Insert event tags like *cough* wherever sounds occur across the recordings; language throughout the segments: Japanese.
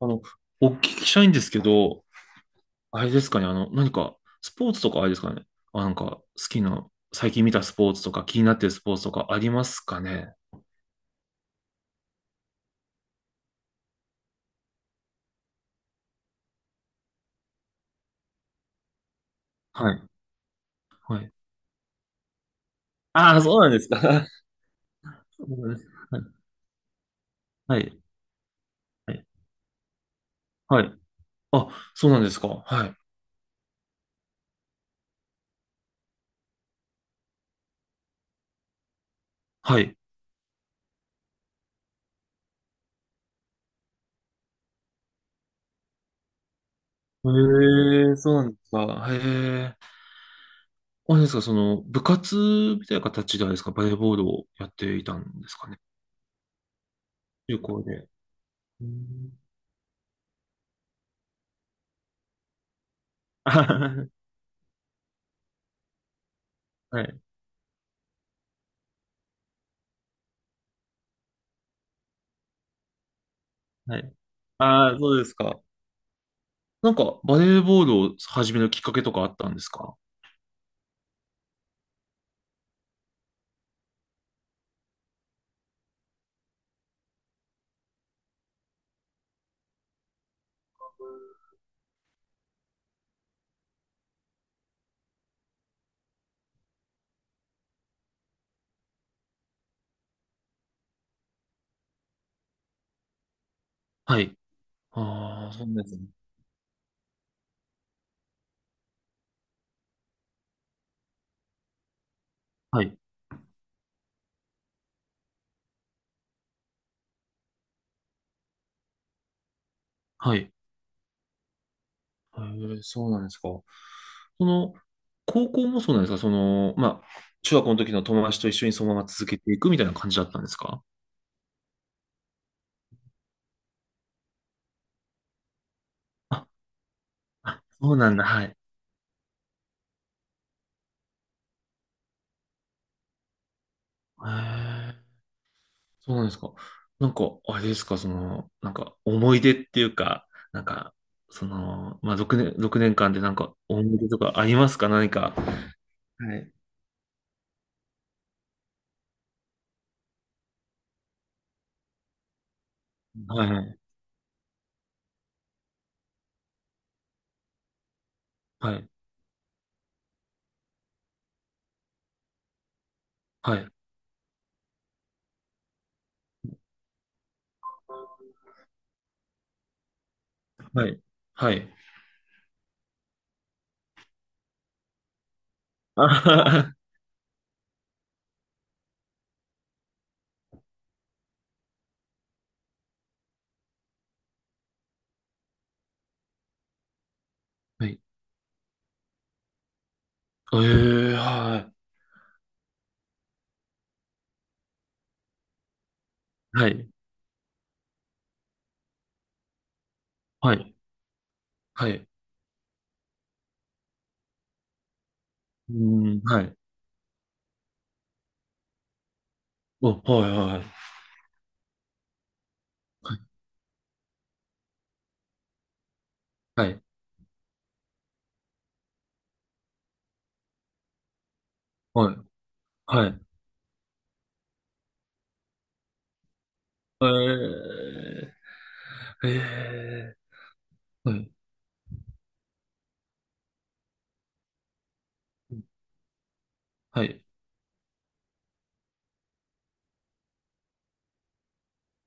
あの、お聞きしたいんですけど、あれですかね、何か、スポーツとかあれですかね、なんか、好きな、最近見たスポーツとか、気になってるスポーツとかありますかね。はい。はい。ああ、そうなんですか。*laughs* そうなんです。はい。はい。はい。あ、そうなんですか。はい。はい。へえ、そうなんですか。へえ。あれですか、部活みたいな形であれですか、バレーボールをやっていたんですかね。中高で。うん。*laughs* あはははい。はい。ああ、そうですか。なんか、バレーボールを始めるきっかけとかあったんですか？はい。ああ、そうなんですね。はい。はい。へえ、そうなんですか。その、高校もそうなんですかまあ、中学校の時の友達と一緒にそのまま続けていくみたいな感じだったんですか？あ、あそうなんだ。はい。へえ、そうなんですか。なんか、あれですか、なんか、思い出っていうか、なんか、まあ、6年、六年間でなんか、思い出とかありますか何か。はい。はい。はい。はい。はい。はい。*laughs* あはははい。ええはい。はい。はい。はい。うーん、はい。お、はい、はいはい。はい。はい。はい。ええええはい。はい。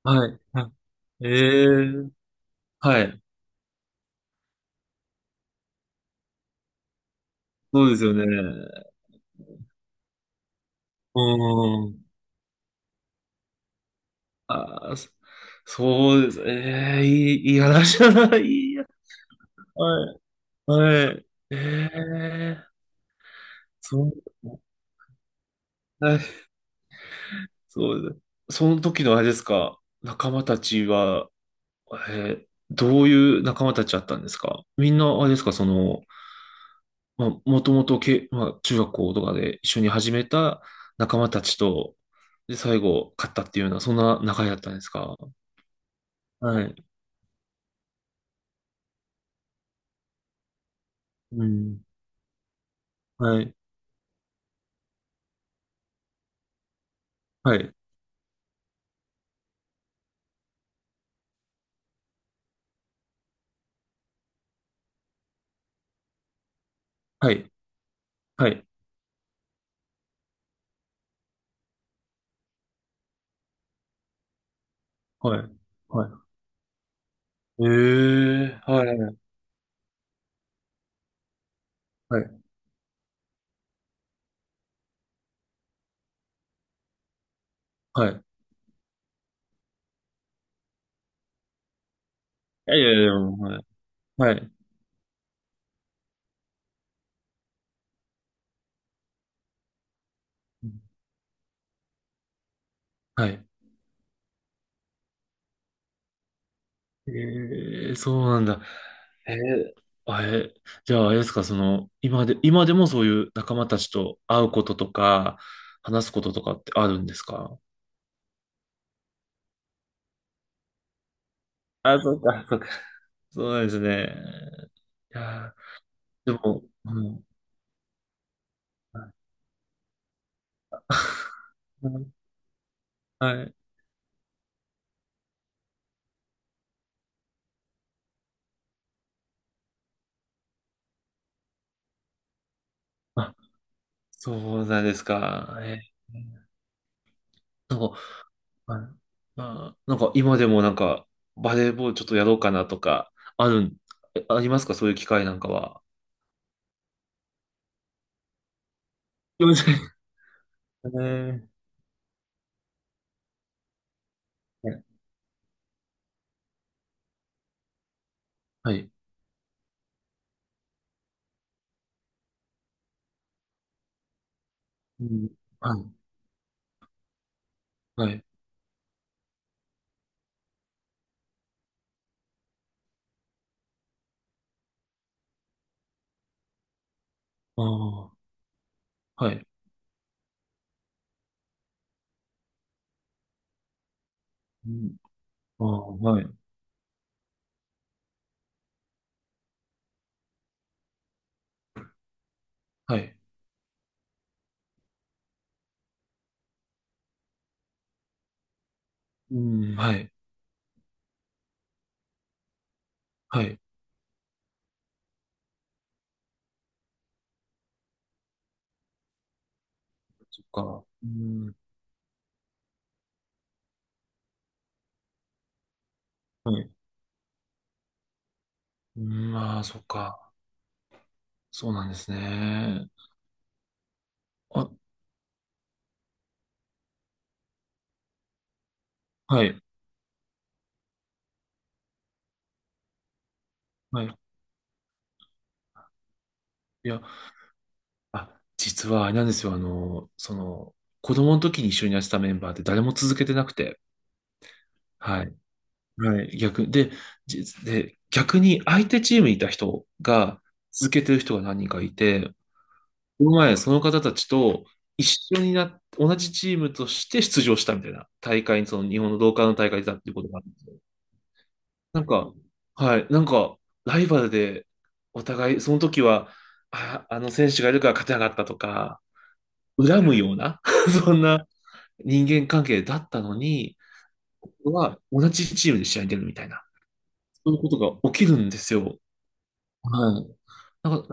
はい。はい。ええはい。そうですよね。うーん。ああ、そうです。ええいい話だな。いいや。はい。はい。ええそう。そうです。その時のあれですか、仲間たちは、えどういう仲間たちだったんですかみんなあれですか、まあ、もともとけ、まあ、中学校とかで一緒に始めた仲間たちと、で、最後、勝ったっていうような、そんな仲だったんですか？はい。うん。はい。はい。はい。はい。はい。はい。ええーはい。はい。はい。いやいやいや、はい。はい。はい。ええーそうなんだ。えー、あえ、じゃあ、あれですか、今でもそういう仲間たちと会うこととか、話すこととかってあるんですか？あ、そうか、そうか。そうなんですね。いやー、でも、うん。*laughs* はい。*laughs* あ、そうなんですか。ー、なんか、あ、あなんか今でもなんか、バレーボールちょっとやろうかなとか、あるん、えありますかそういう機会なんかは？すいません。*laughs* えーはい。うんはい。はい。ああ、はい。うん、ああ、はい。はい。うん、はい。はい。そっか。うん、はい。うん、まあ、そっか。そうなんですね。あ、はい。はい。いや、あ、実はあれなんですよ。子供の時に一緒にやってたメンバーって誰も続けてなくて。はい。はい。逆、で、じで、逆に相手チームにいた人が続けてる人が何人かいて、この前、その方たちと一緒になっ、同じチームとして出場したみたいな大会に、その日本の同感の大会だっていうことがあるんですよ。なんか、はい、なんか、ライバルで、お互い、その時は、あ、あの選手がいるから勝てなかったとか、恨むような、*laughs* そんな人間関係だったのに、ここは同じチームで試合に出るみたいな、そういうことが起きるんですよ。はい。なんか、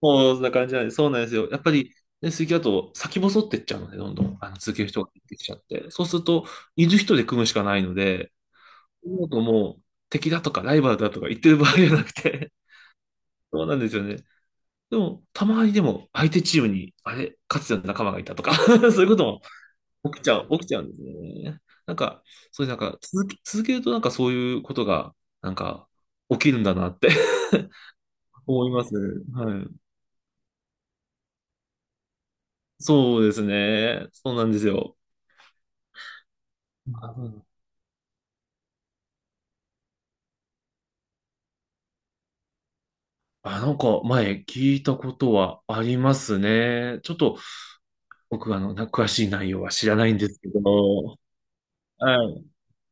もうそんな感じなんで、そうなんですよ。やっぱり、ね、水球だと先細ってっちゃうので、どんどん続ける人が出てきちゃって。そうすると、いる人で組むしかないので、もう敵だとかライバルだとか言ってる場合じゃなくて、*laughs* そうなんですよね。でも、たまにでも相手チームに、あれ、かつての仲間がいたとか *laughs* そういうことも起きちゃうんですね。なんか、そういうなんか続けるとなんかそういうことが、なんか、起きるんだなって *laughs* 思います。はい。そうですね。そうなんですよ。あのなんか前聞いたことはありますね。ちょっと僕詳しい内容は知らないんですけど。はい。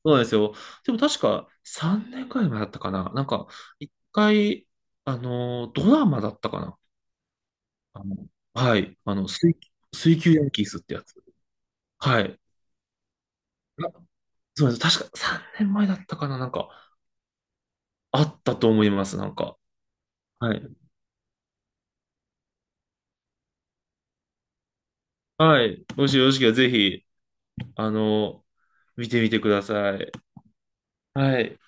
そうなんですよ。でも確か3年くらい前だったかな。なんか、一回、ドラマだったかな。あの、はい。水球ヤンキースってやつ。はい。なそうなんです。確か3年前だったかな。なんか、あったと思います。なんか。はい。はい。もしよろしければぜひ、あの、見てみてください。はい。